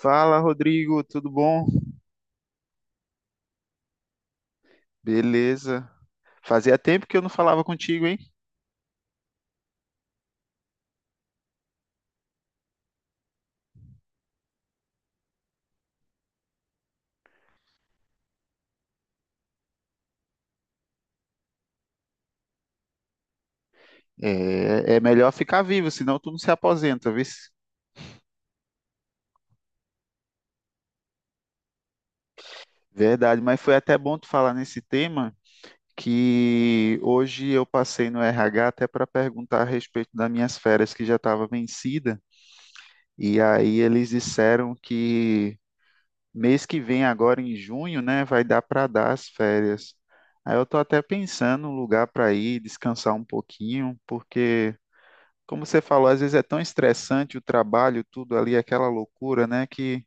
Fala, Rodrigo, tudo bom? Beleza. Fazia tempo que eu não falava contigo, hein? É, melhor ficar vivo, senão tu não se aposenta, viu? Verdade, mas foi até bom tu falar nesse tema, que hoje eu passei no RH até para perguntar a respeito das minhas férias que já estava vencida, e aí eles disseram que mês que vem, agora em junho, né, vai dar para dar as férias. Aí eu tô até pensando um lugar para ir descansar um pouquinho, porque como você falou, às vezes é tão estressante o trabalho, tudo ali, aquela loucura, né? Que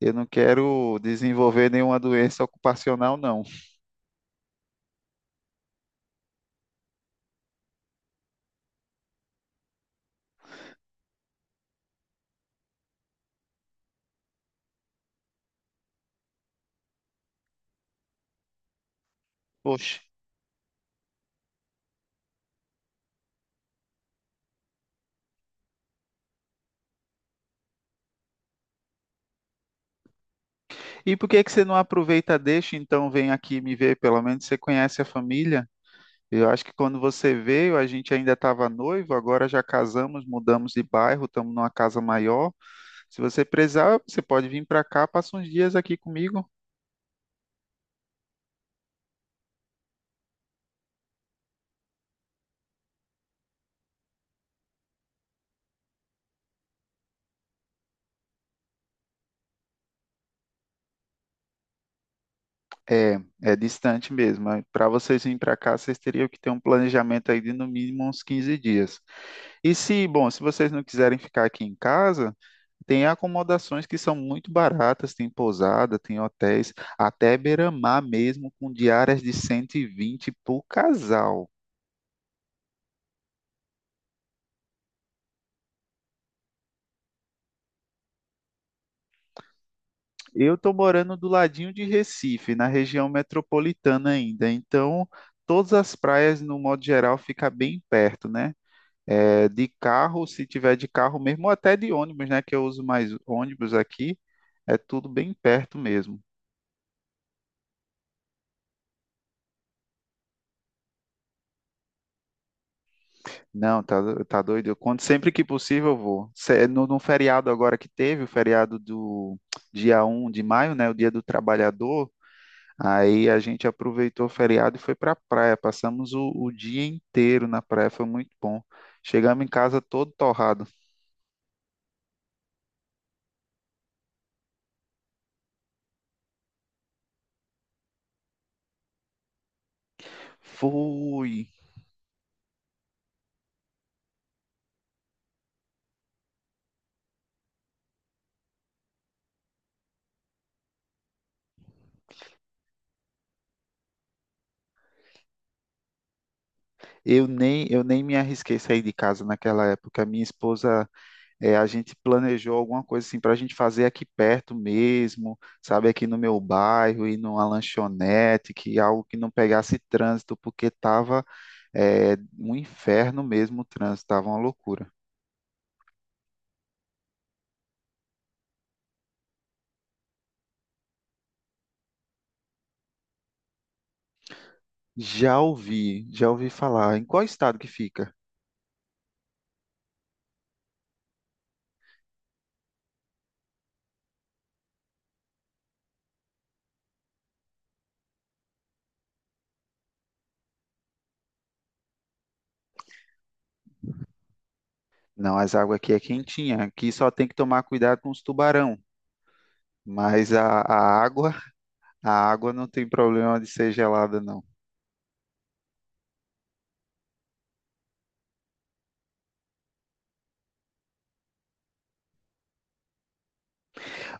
eu não quero desenvolver nenhuma doença ocupacional, não. Poxa. E por que que você não aproveita, deixa, então vem aqui me ver? Pelo menos você conhece a família. Eu acho que quando você veio, a gente ainda estava noivo, agora já casamos, mudamos de bairro, estamos numa casa maior. Se você precisar, você pode vir para cá, passa uns dias aqui comigo. É, é distante mesmo. Para vocês virem para cá, vocês teriam que ter um planejamento aí de no mínimo uns 15 dias. E se, bom, se vocês não quiserem ficar aqui em casa, tem acomodações que são muito baratas, tem pousada, tem hotéis, até beira-mar mesmo, com diárias de 120 por casal. Eu estou morando do ladinho de Recife, na região metropolitana ainda, então todas as praias, no modo geral, fica bem perto, né? É, de carro, se tiver de carro mesmo, ou até de ônibus, né? Que eu uso mais ônibus aqui, é tudo bem perto mesmo. Não, tá, tá doido. Sempre que possível eu vou. No feriado agora que teve, o feriado do dia 1º de maio, né? O dia do trabalhador. Aí a gente aproveitou o feriado e foi pra praia. Passamos o dia inteiro na praia, foi muito bom. Chegamos em casa todo torrado. Fui. Eu nem me arrisquei sair de casa naquela época. Minha esposa. É, a gente planejou alguma coisa assim para a gente fazer aqui perto mesmo, sabe, aqui no meu bairro, ir numa lanchonete, que algo que não pegasse trânsito, porque tava é, um inferno mesmo o trânsito, tava uma loucura. Já ouvi falar. Em qual estado que fica? Não, as águas aqui é quentinha, aqui só tem que tomar cuidado com os tubarão, mas a água não tem problema de ser gelada, não.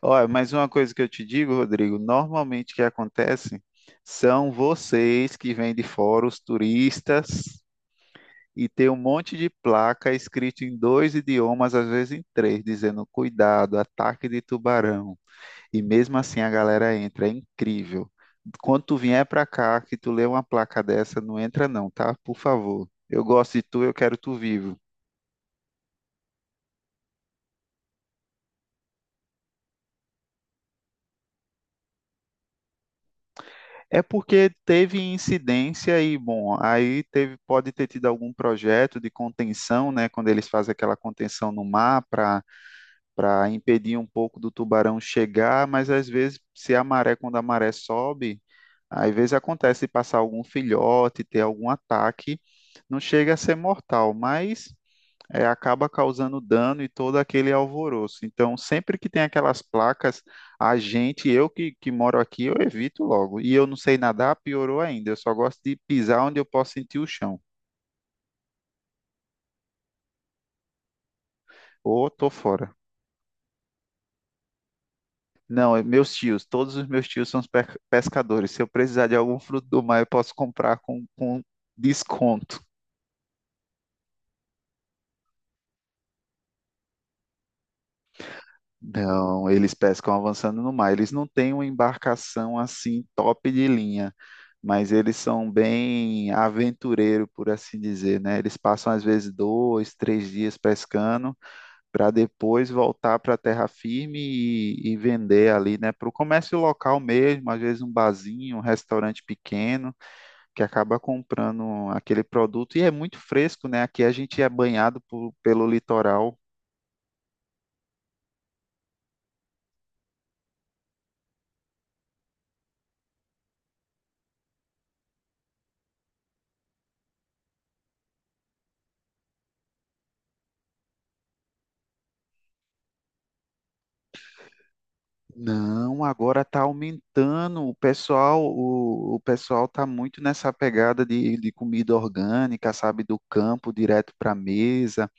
Olha, mas uma coisa que eu te digo, Rodrigo, normalmente o que acontece são vocês que vêm de fora, os turistas, e tem um monte de placa escrito em dois idiomas, às vezes em três, dizendo cuidado, ataque de tubarão. E mesmo assim a galera entra, é incrível. Quando tu vier pra cá, que tu lê uma placa dessa, não entra não, tá? Por favor. Eu gosto de tu, eu quero tu vivo. É porque teve incidência e, bom, aí teve, pode ter tido algum projeto de contenção, né? Quando eles fazem aquela contenção no mar para impedir um pouco do tubarão chegar, mas às vezes, se a maré, quando a maré sobe, às vezes acontece de passar algum filhote, ter algum ataque, não chega a ser mortal, mas é, acaba causando dano e todo aquele alvoroço. Então, sempre que tem aquelas placas, eu que moro aqui, eu evito logo. E eu não sei nadar, piorou ainda. Eu só gosto de pisar onde eu posso sentir o chão. Ou tô fora. Não, é meus tios, todos os meus tios são pescadores. Se eu precisar de algum fruto do mar, eu posso comprar com desconto. Não, eles pescam avançando no mar. Eles não têm uma embarcação assim top de linha, mas eles são bem aventureiro, por assim dizer, né? Eles passam às vezes dois, três dias pescando para depois voltar para a terra firme e vender ali, né? Para o comércio local mesmo, às vezes um barzinho, um restaurante pequeno que acaba comprando aquele produto e é muito fresco, né? Aqui a gente é banhado pelo litoral. Não, agora está aumentando. O pessoal está muito nessa pegada de comida orgânica, sabe, do campo direto para a mesa.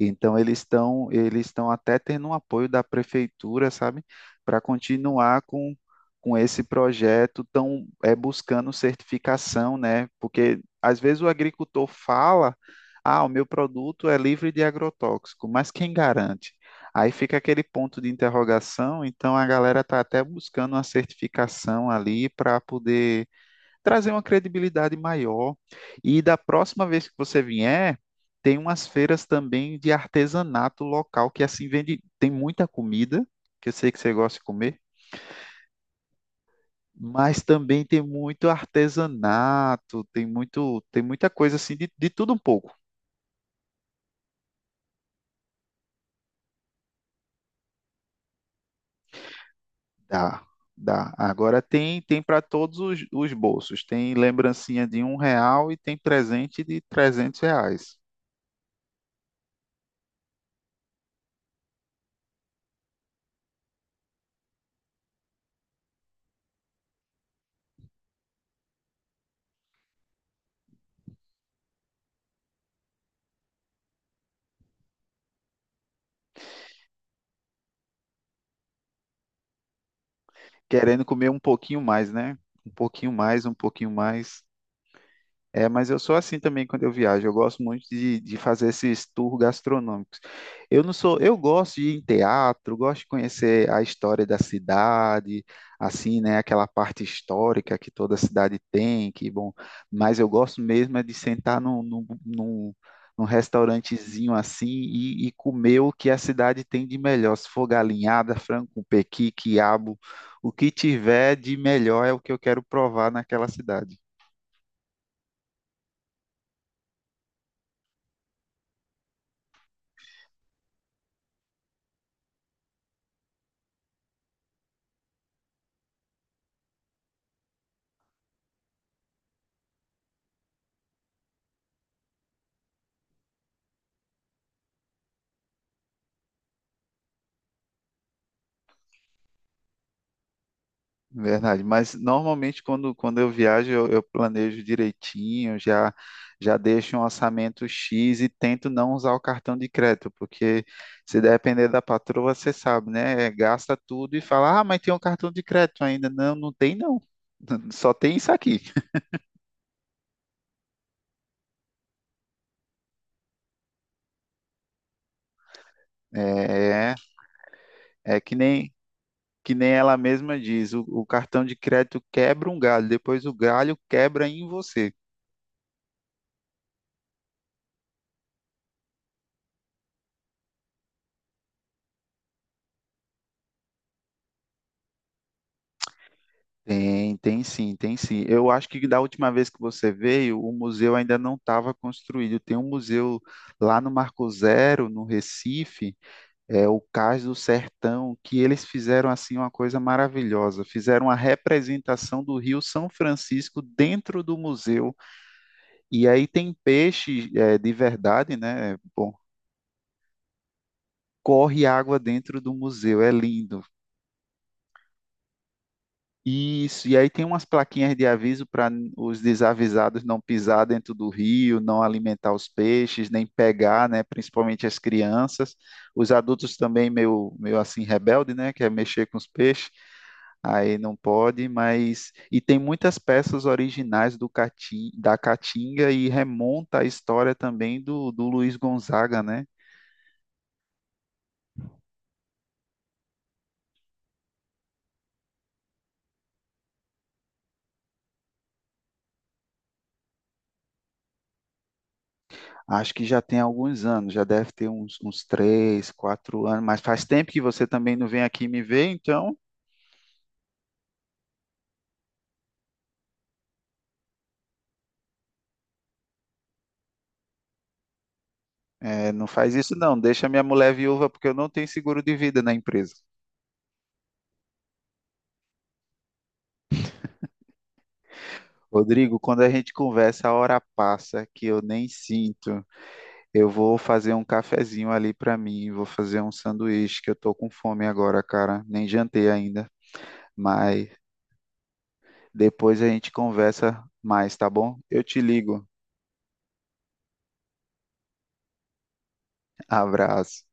Então eles estão até tendo um apoio da prefeitura, sabe, para continuar com esse projeto, tão é, buscando certificação, né? Porque às vezes o agricultor fala, ah, o meu produto é livre de agrotóxico, mas quem garante? Aí fica aquele ponto de interrogação, então a galera está até buscando uma certificação ali para poder trazer uma credibilidade maior. E da próxima vez que você vier, tem umas feiras também de artesanato local que assim vende, tem muita comida, que eu sei que você gosta de comer, mas também tem muito artesanato, tem muita coisa assim de tudo um pouco. Dá, dá. Agora tem para todos os bolsos. Tem lembrancinha de R$ 1 e tem presente de R$ 300. Querendo comer um pouquinho mais, né? Um pouquinho mais, um pouquinho mais. É, mas eu sou assim também quando eu viajo. Eu gosto muito de fazer esses tours gastronômicos. Eu não sou, eu gosto de ir em teatro, gosto de conhecer a história da cidade, assim, né, aquela parte histórica que toda cidade tem, que bom. Mas eu gosto mesmo é de sentar num restaurantezinho assim e comer o que a cidade tem de melhor. Se for galinhada, frango com pequi, quiabo, o que tiver de melhor é o que eu quero provar naquela cidade. Verdade, mas normalmente quando eu viajo eu planejo direitinho, já deixo um orçamento X e tento não usar o cartão de crédito, porque se depender da patroa, você sabe, né? É, gasta tudo e fala, ah, mas tem um cartão de crédito ainda. Não, não tem não. Só tem isso aqui. É, é, que nem ela mesma diz, o cartão de crédito quebra um galho, depois o galho quebra em você. Tem sim, tem sim. Eu acho que da última vez que você veio, o museu ainda não estava construído. Tem um museu lá no Marco Zero, no Recife, é o Cais do Sertão, que eles fizeram assim uma coisa maravilhosa. Fizeram uma representação do Rio São Francisco dentro do museu. E aí tem peixe, é, de verdade, né? Bom, corre água dentro do museu. É lindo. Isso, e aí tem umas plaquinhas de aviso para os desavisados não pisar dentro do rio, não alimentar os peixes, nem pegar, né, principalmente as crianças. Os adultos também meio assim rebelde, né, quer mexer com os peixes, aí não pode, mas e tem muitas peças originais da Caatinga e remonta a história também do Luiz Gonzaga, né? Acho que já tem alguns anos, já deve ter uns três, quatro anos, mas faz tempo que você também não vem aqui me ver, então é, não faz isso não, deixa minha mulher viúva, porque eu não tenho seguro de vida na empresa. Rodrigo, quando a gente conversa, a hora passa que eu nem sinto. Eu vou fazer um cafezinho ali para mim, vou fazer um sanduíche, que eu tô com fome agora, cara, nem jantei ainda, mas depois a gente conversa mais, tá bom? Eu te ligo. Abraço.